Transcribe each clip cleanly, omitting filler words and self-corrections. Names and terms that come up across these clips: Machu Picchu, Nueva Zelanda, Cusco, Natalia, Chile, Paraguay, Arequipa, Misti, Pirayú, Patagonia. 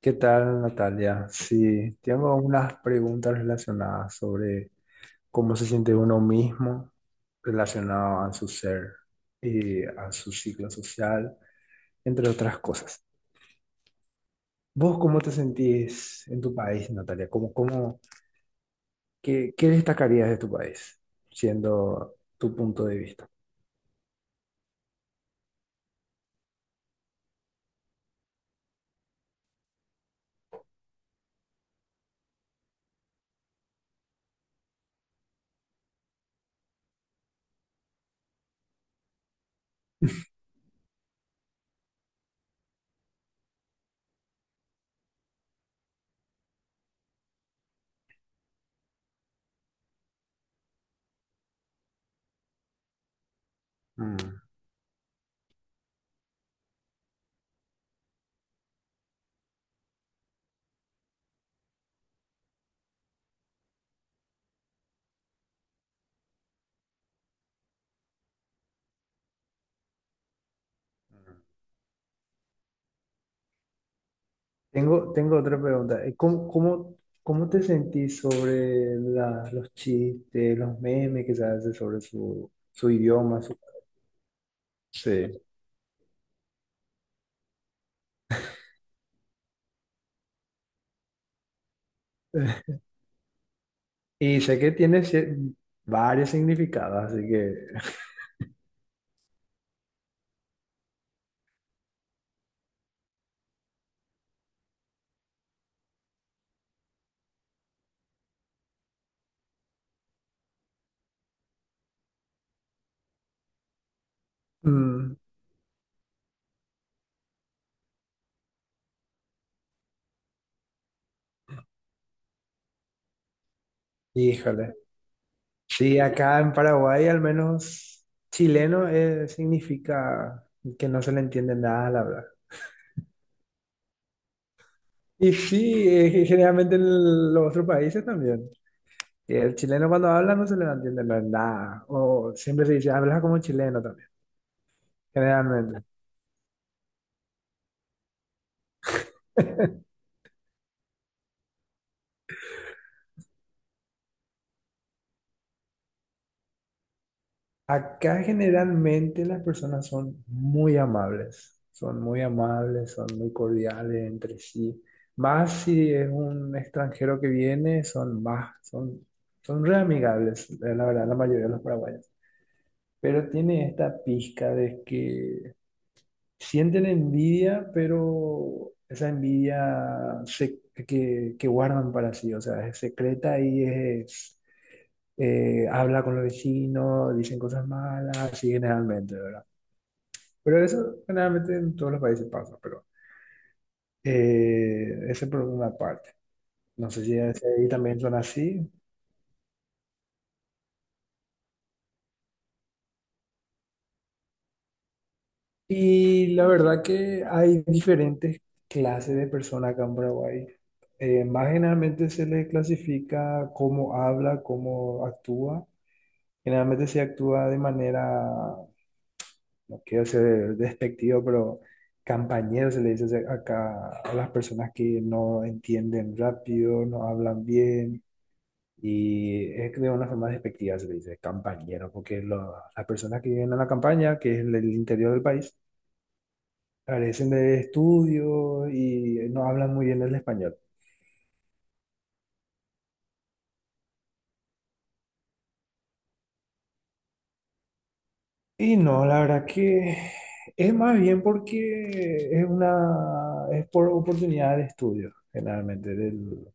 ¿Qué tal, Natalia? Sí, tengo unas preguntas relacionadas sobre cómo se siente uno mismo relacionado a su ser y a su ciclo social, entre otras cosas. ¿Vos cómo te sentís en tu país, Natalia? ¿Qué destacarías de tu país, siendo tu punto de vista? Mm. Tengo otra pregunta. ¿Cómo te sentís sobre los chistes, los memes que se hacen sobre su idioma? Sí. Y sé que tiene varios significados, así que... mm, Híjole. Sí, acá en Paraguay al menos chileno significa que no se le entiende nada al hablar. Y sí, generalmente en los otros países también. Y el chileno cuando habla no se le entiende nada. O siempre se dice, habla como chileno también, generalmente. Acá generalmente las personas son muy amables, son muy amables, son muy cordiales entre sí. Más si es un extranjero que viene, son re amigables, la verdad, la mayoría de los paraguayos. Pero tiene esta pizca de que sienten envidia, pero esa que guardan para sí, o sea, es secreta y es habla con los vecinos, dicen cosas malas, así generalmente, ¿verdad? Pero eso generalmente en todos los países pasa, pero ese por una parte. No sé si ahí también son así. Y la verdad que hay diferentes clases de personas acá en Paraguay. Más generalmente se les clasifica cómo habla, cómo actúa. Generalmente se actúa de manera no quiero ser despectivo, pero campañeros se le dice acá a las personas que no entienden rápido, no hablan bien. Y es que de una forma despectiva se le dice campañero, porque las personas que viven en la campaña, que es el interior del país, carecen de estudios y no hablan muy bien el español. Y no, la verdad que es más bien porque es por oportunidad de estudio, generalmente.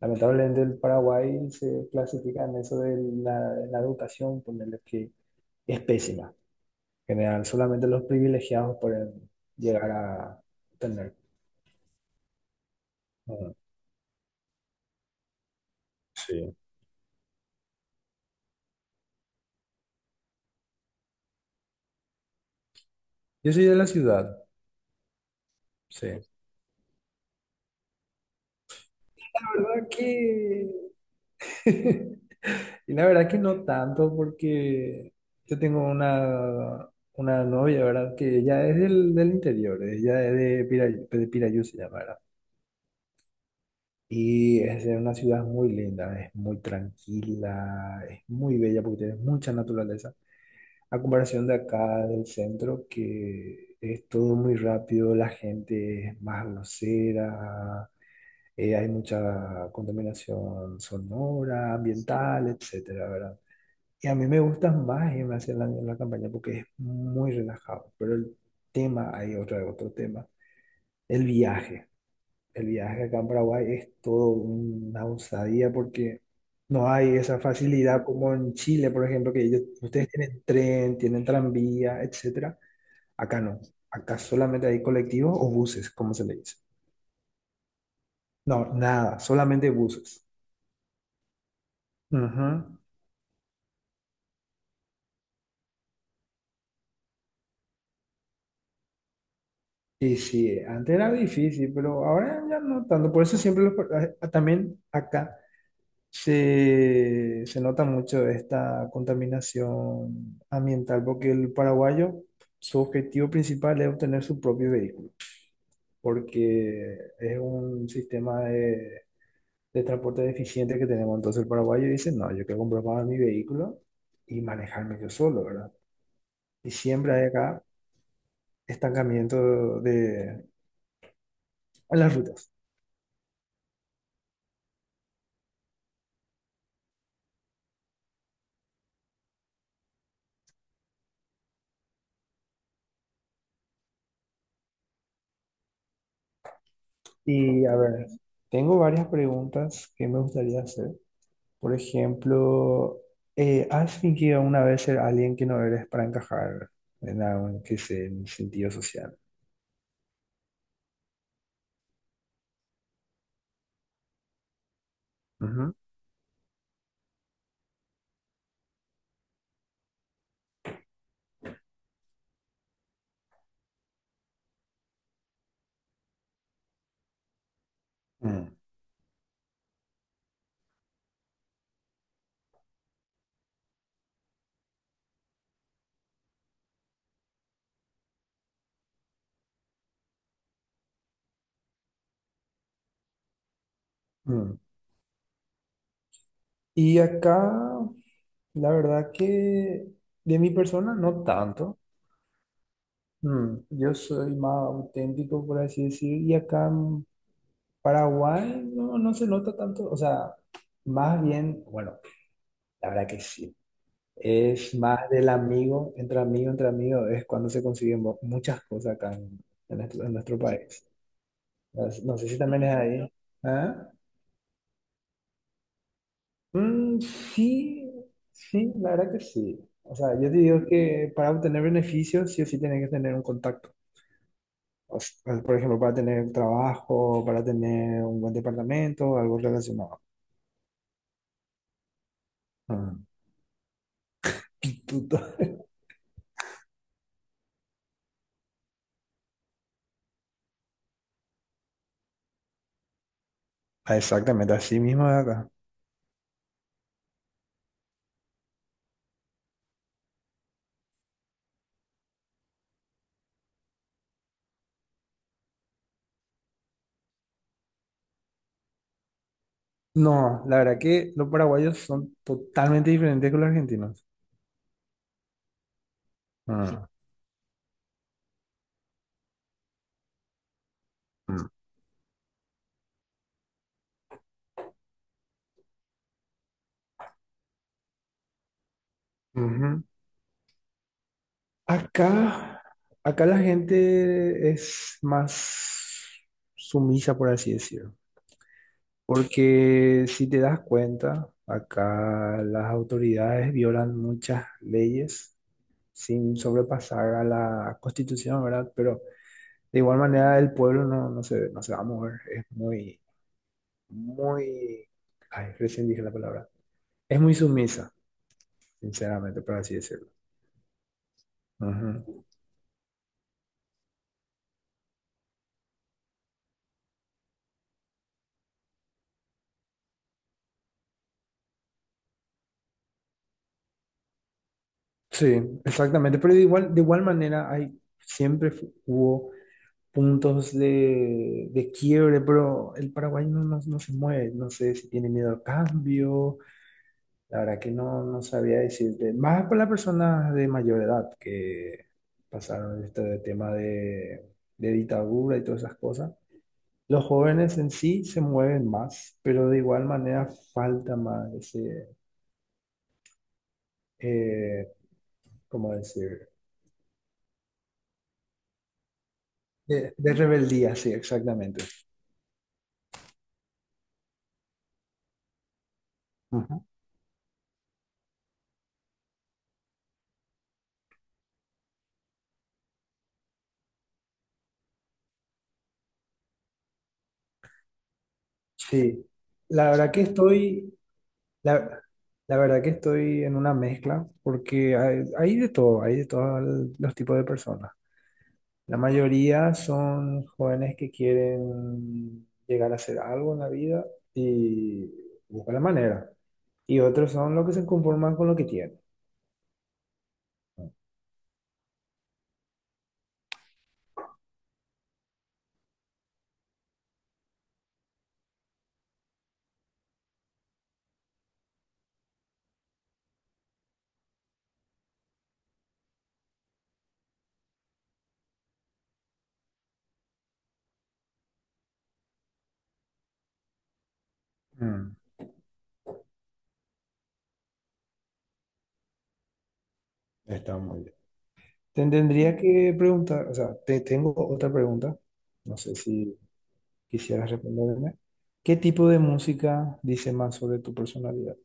Lamentablemente el Paraguay se clasifica en eso de la, la educación, ponerle que es pésima. En general, solamente los privilegiados pueden llegar a tener. Ah, sí. Yo soy de la ciudad, sí. La verdad que Y la verdad que no tanto porque yo tengo una novia, ¿verdad? Que ella es del interior, ella es de Pirayu, de Pirayú se llama, ¿verdad? Y es de una ciudad muy linda, es muy tranquila, es muy bella porque tiene mucha naturaleza. A comparación de acá del centro, que es todo muy rápido, la gente es más grosera, hay mucha contaminación sonora, ambiental, etcétera, ¿verdad? Y a mí me gusta más en Nueva Zelanda en la campaña porque es muy relajado. Pero el tema, hay otro tema, el viaje. El viaje acá en Paraguay es todo una osadía porque no hay esa facilidad como en Chile, por ejemplo, que ustedes tienen tren, tienen tranvía, etcétera. Acá no. Acá solamente hay colectivos o buses, como se le dice. No, nada, solamente buses. Ujú. Y sí, antes era difícil, pero ahora ya no tanto. Por eso siempre los, por- a- También acá se nota mucho esta contaminación ambiental porque el paraguayo, su objetivo principal es obtener su propio vehículo, porque es un sistema de transporte deficiente que tenemos. Entonces el paraguayo dice, no, yo quiero comprar para mi vehículo y manejarme yo solo, ¿verdad? Y siempre hay acá estancamiento en las rutas. Y a ver, tengo varias preguntas que me gustaría hacer. Por ejemplo, ¿has fingido una vez ser alguien que no eres para encajar en algún, qué sé, en sentido social? Ujú. Mm, mm. Y acá, la verdad que de mi persona no tanto. Yo soy más auténtico, por así decir, y acá en Paraguay no, no se nota tanto. O sea, más bien, bueno, la verdad que sí. Es más del amigo, entre amigo, entre amigo, es cuando se consiguen muchas cosas acá en nuestro país. No sé si también es ahí. ¿Ah? Mm, sí, sí, la verdad que sí. O sea, yo te digo que para obtener beneficios, sí o sí tienes que tener un contacto. O sea, por ejemplo, para tener trabajo, para tener un buen departamento, algo relacionado. Ah, pituto. Ah, exactamente, así mismo de acá. No, la verdad que los paraguayos son totalmente diferentes que los argentinos. Ah, mm. Ujú. Acá, acá la gente es más sumisa, por así decirlo, porque si te das cuenta, acá las autoridades violan muchas leyes sin sobrepasar a la Constitución, ¿verdad? Pero de igual manera el pueblo no se va a mover, es muy, muy, ay, recién dije la palabra, es muy sumisa, sinceramente, por así decirlo. Ujú. Sí, exactamente, pero de igual manera siempre hubo puntos de quiebre, pero el Paraguay no se mueve, no sé si tiene miedo al cambio, la verdad que no sabía decirte, más por las personas de mayor edad que pasaron este tema de dictadura y todas esas cosas. Los jóvenes en sí se mueven más, pero de igual manera falta más ese, eh, ¿cómo decir? De rebeldía, sí, exactamente. Ajá. Sí, la verdad que estoy, la, la verdad que estoy en una mezcla porque hay de todo, hay de todos los tipos de personas. La mayoría son jóvenes que quieren llegar a hacer algo en la vida y buscan la manera. Y otros son los que se conforman con lo que tienen. Mm, Está muy bien. Te tendría que preguntar, o sea, te tengo otra pregunta. No sé si. ¿Quisieras responderme? ¿Qué tipo de música dice más sobre tu personalidad?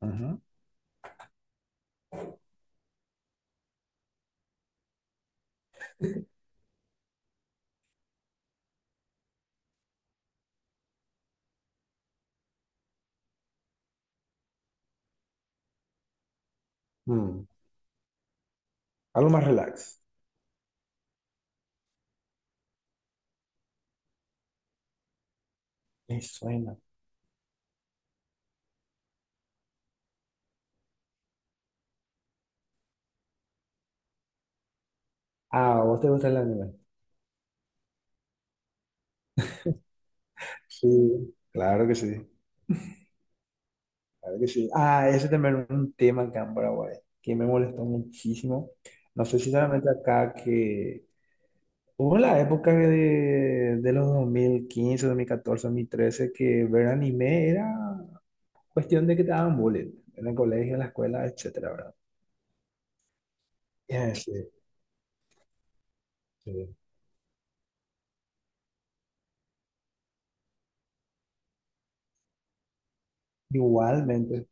Ajá. Mm, Algo más relax. Me suena. Ah, ¿a vos te gusta el anime? Sí, claro que sí. Claro que sí. Ah, ese también es un tema acá en Paraguay que me molestó muchísimo. No sé si solamente acá que hubo la época de los dos mil quince 2014 2013 que ver anime era cuestión de que te daban bullying en el colegio, en la escuela, etcétera, ¿verdad? Sí, sí. Igualmente,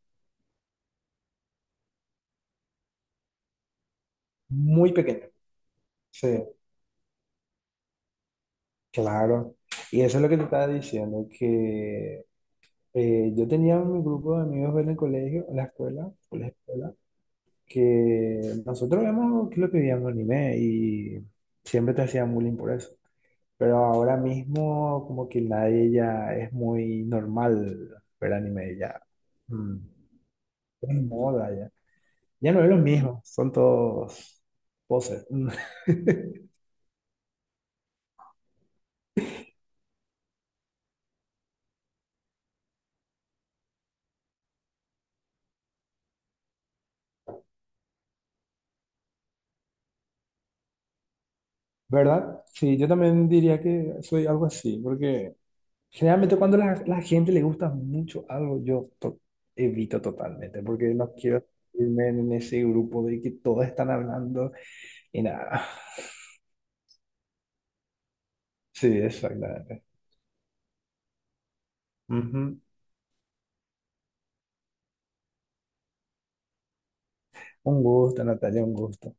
muy pequeño. Sí, claro. Y eso es lo que te estaba diciendo, que yo tenía un grupo de amigos en el colegio, en la escuela, que nosotros vemos que lo que veíamos anime y siempre te hacían bullying por eso. Pero ahora mismo como que nadie ya es muy normal ver anime ya. Mm, Es moda ya. Ya no es lo mismo, son todos poses. ¿Verdad? Sí, yo también diría que soy algo así, porque generalmente cuando la gente le gusta mucho algo, yo evito totalmente, porque no quiero irme en ese grupo de que todos están hablando y nada. Sí, exactamente. Ujú. Un gusto, Natalia, un gusto.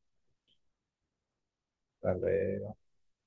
Tal vez.